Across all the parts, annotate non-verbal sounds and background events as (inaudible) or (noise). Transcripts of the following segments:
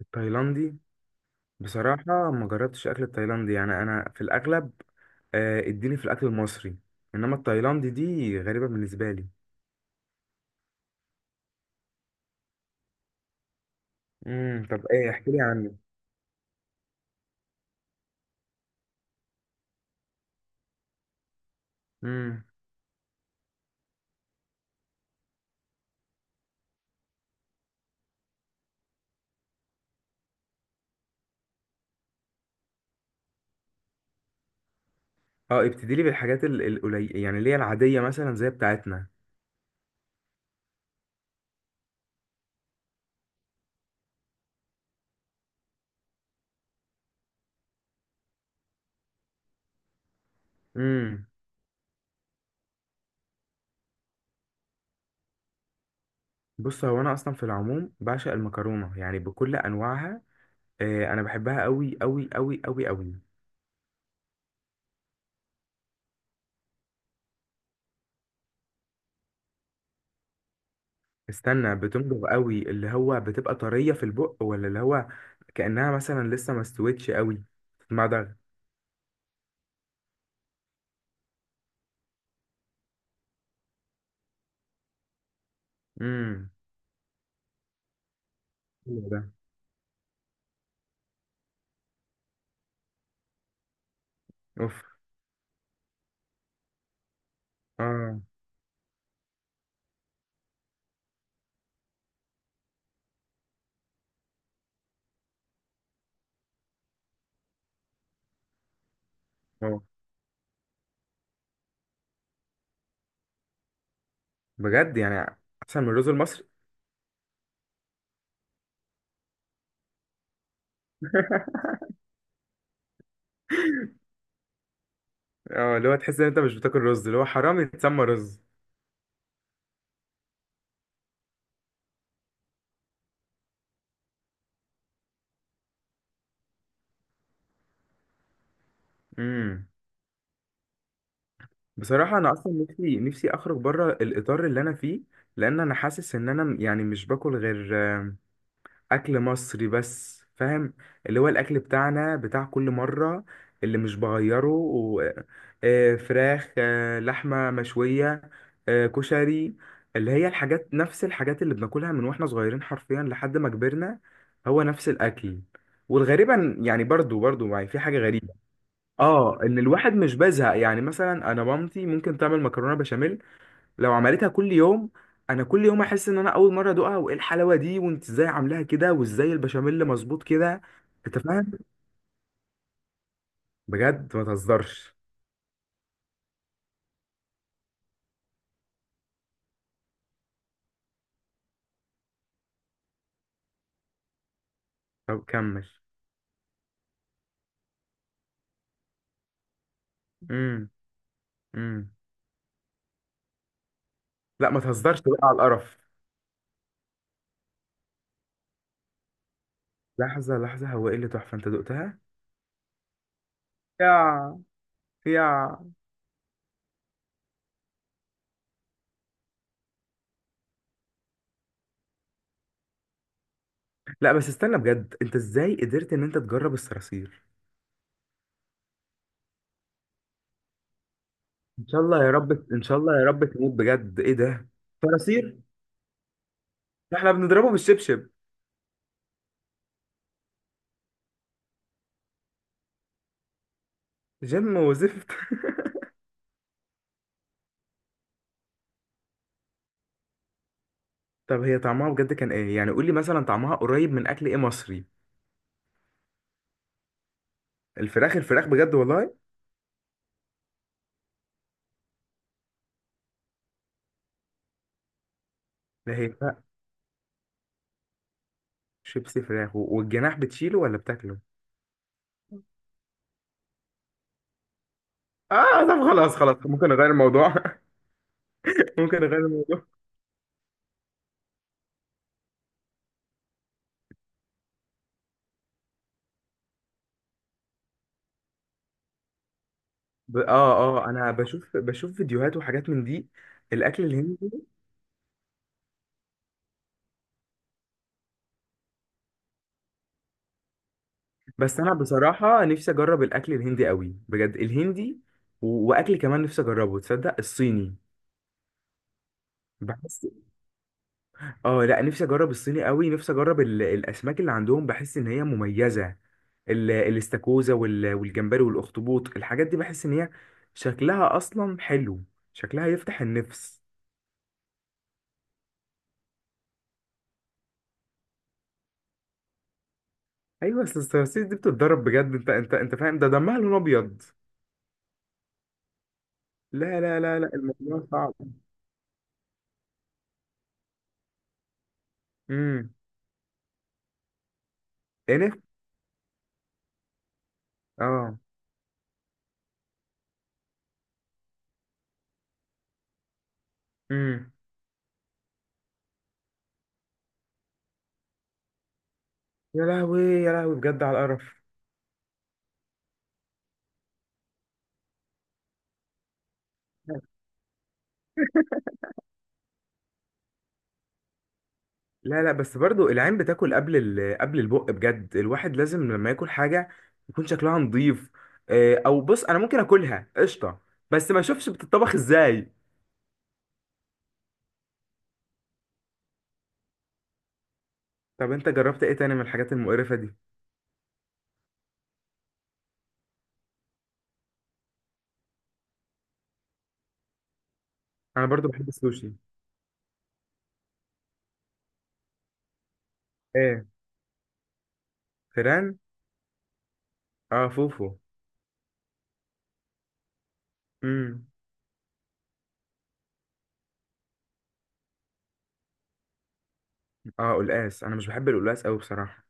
التايلاندي. بصراحة ما جربتش أكل التايلاندي، يعني أنا في الأغلب اديني في الأكل المصري. إنما التايلاندي دي غريبة بالنسبة لي. طب إيه؟ احكي لي عنه. امم اه، ابتدي لي بالحاجات القليلة، يعني اللي هي العادية مثلا زي بتاعتنا. امم بص، هو أنا أصلا في العموم بعشق المكرونة، يعني بكل أنواعها. أنا بحبها أوي أوي أوي أوي أوي. استنى، بتنضغ أوي اللي هو بتبقى طرية في البق، ولا اللي هو كأنها مثلا لسه ما استوتش أوي تتمضغ؟ امم حلو ده. اوف. اه، اه، بجد يعني؟ احسن من الرز المصري؟ اه، اللي هو تحس ان انت مش بتاكل رز، اللي هو حرام يتسمى رز. امم بصراحه انا اصلا نفسي نفسي اخرج بره الاطار اللي انا فيه. لان انا حاسس ان انا يعني مش باكل غير اكل مصري بس، فاهم؟ اللي هو الاكل بتاعنا بتاع كل مره اللي مش بغيره فراخ، لحمه مشويه، كشري، اللي هي الحاجات، نفس الحاجات اللي بناكلها من واحنا صغيرين حرفيا لحد ما كبرنا. هو نفس الاكل. والغريبة يعني برضو برضو، يعني في حاجة غريبة. اه، ان الواحد مش بيزهق، يعني مثلا انا مامتي ممكن تعمل مكرونة بشاميل. لو عملتها كل يوم، انا كل يوم احس ان انا اول مره ادوقها، وايه الحلاوه دي؟ وانت ازاي عاملاها كده؟ وازاي البشاميل مظبوط كده؟ انت فاهم؟ بجد، ما تهزرش. طب كمل. امم امم. لا، ما تهزرش بقى على القرف. لحظه لحظه، هو ايه اللي تحفه انت دقتها؟ يا، يا، لا بس استنى بجد، انت ازاي قدرت ان انت تجرب الصراصير؟ ان شاء الله يا رب، ان شاء الله يا رب تموت، بجد ايه ده؟ صراصير؟ احنا بنضربه بالشبشب. جيم وزفت. طب هي طعمها بجد كان ايه يعني؟ قول لي مثلا طعمها قريب من اكل ايه مصري؟ الفراخ؟ الفراخ بجد والله؟ لا هي لا، شيبسي فراخ والجناح بتشيله ولا بتاكله؟ اه، طب خلاص خلاص، ممكن اغير الموضوع؟ (laughs) ممكن اغير الموضوع؟ اه اه، انا بشوف بشوف فيديوهات وحاجات من دي. الاكل الهندي؟ بس انا بصراحة نفسي اجرب الاكل الهندي قوي، بجد الهندي واكل كمان نفسي اجربه، تصدق، الصيني. بحس، اه، لا، نفسي اجرب الصيني قوي. نفسي اجرب الاسماك اللي عندهم، بحس ان هي مميزه. الاستاكوزا والجمبري والاخطبوط، الحاجات دي بحس ان هي شكلها اصلا حلو، شكلها يفتح النفس. ايوه، اصل الصراصير دي بتتضرب بجد، انت انت فاهم؟ ده دمها لون ابيض. لا لا لا لا، الموضوع صعب. امم انف. اه. امم يا لهوي، يا لهوي، بجد على القرف. لا لا، بس برضو العين بتاكل قبل قبل البق، بجد الواحد لازم لما ياكل حاجة يكون شكلها نظيف. او بص، انا ممكن اكلها قشطة، بس ما اشوفش بتطبخ ازاي. طب انت جربت ايه تاني من الحاجات المقرفة دي؟ انا برضو بحب السوشي. ايه؟ فيران؟ اه، فوفو. امم اه، قلقاس، انا مش بحب القلقاس قوي بصراحة.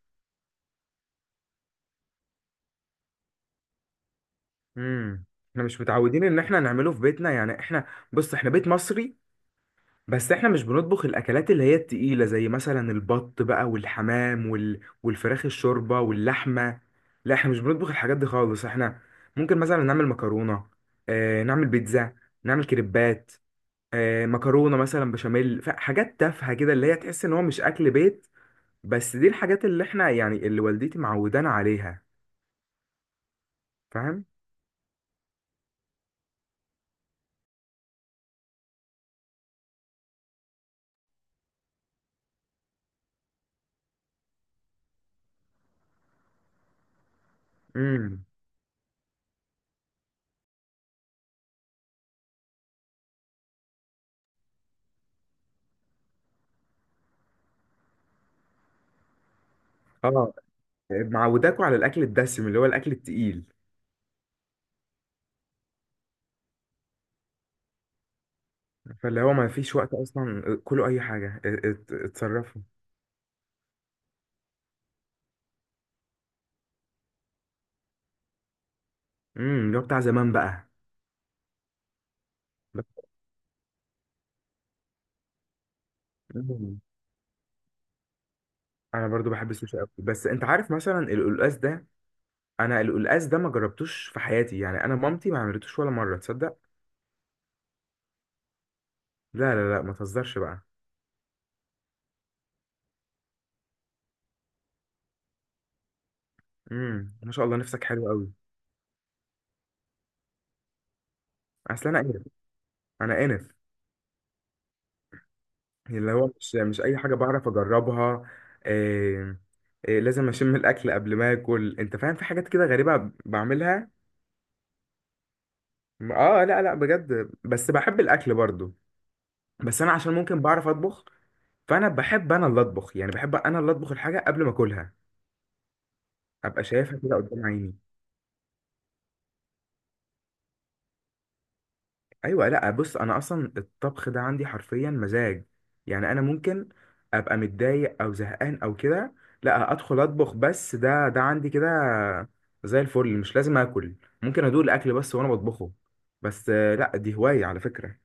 امم احنا مش متعودين ان احنا نعمله في بيتنا، يعني احنا، بص احنا بيت مصري، بس احنا مش بنطبخ الاكلات اللي هي التقيلة زي مثلا البط بقى والحمام والفراخ الشوربة واللحمة. لا، احنا مش بنطبخ الحاجات دي خالص. احنا ممكن مثلا نعمل مكرونة، اه نعمل بيتزا، نعمل كريبات، اه مكرونة مثلا بشاميل، حاجات تافهة كده اللي هي تحس ان هو مش اكل بيت. بس دي الحاجات اللي احنا يعني اللي والدتي معودانا عليها. فاهم؟ امم اه، معوداكوا على الاكل الدسم اللي هو الاكل التقيل. فاللي هو ما فيش وقت اصلا، كله اي حاجه اتصرفوا. اللي هو بتاع زمان بقى. بس- مم. انا برضو بحب السوشي قوي، بس انت عارف مثلا القلقاس ده، انا القلقاس ده ما جربتوش في حياتي يعني، انا مامتي ما عملتوش ولا مره، تصدق؟ لا لا لا، ما تهزرش بقى. ما شاء الله، نفسك حلو قوي. اصل انا انف، انا انف، اللي هو مش اي حاجه بعرف اجربها. إيه؟ إيه؟ لازم اشم الاكل قبل ما اكل، انت فاهم؟ في حاجات كده غريبه بعملها. اه لا لا، بجد بس بحب الاكل برضو. بس انا عشان ممكن بعرف اطبخ، فانا بحب انا اللي اطبخ، يعني بحب انا اللي اطبخ الحاجه قبل ما اكلها، ابقى شايفها كده قدام عيني. ايوه، لا بص، انا اصلا الطبخ ده عندي حرفيا مزاج. يعني انا ممكن ابقى متضايق او زهقان او كده، لا ادخل اطبخ. بس ده عندي كده زي الفل. مش لازم اكل، ممكن ادوق الاكل بس وانا بطبخه. بس لا دي هوايه على فكره.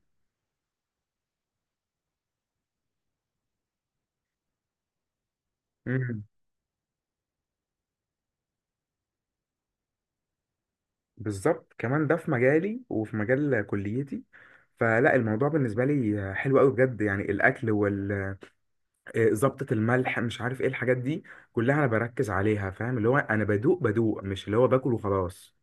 بالظبط، كمان ده في مجالي وفي مجال كليتي. فلا الموضوع بالنسبة لي حلو قوي بجد، يعني الأكل وال آه، ظبطة الملح، مش عارف ايه الحاجات دي كلها، أنا بركز عليها، فاهم؟ اللي هو أنا بدوق بدوق، مش اللي هو باكل وخلاص.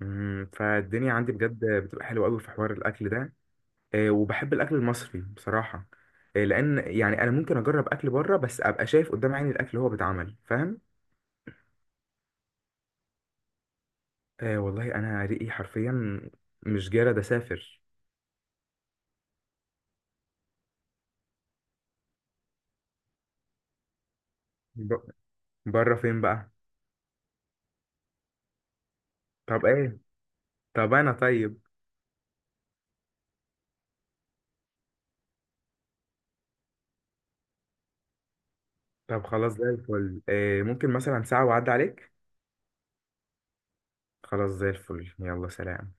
فالدنيا عندي بجد بتبقى حلوة قوي في حوار الأكل ده. وبحب الأكل المصري بصراحة. لأن يعني أنا ممكن أجرب أكل بره، بس أبقى شايف قدام عيني الأكل اللي هو بيتعمل، فاهم؟ آه والله أنا ريقي حرفيا، مش جارد أسافر. ب- بره فين بقى؟ طب ايه؟ طب انا طيب. طب خلاص زي الفل. إيه؟ ممكن مثلا ساعة وعد عليك. خلاص زي الفل، يلا سلام.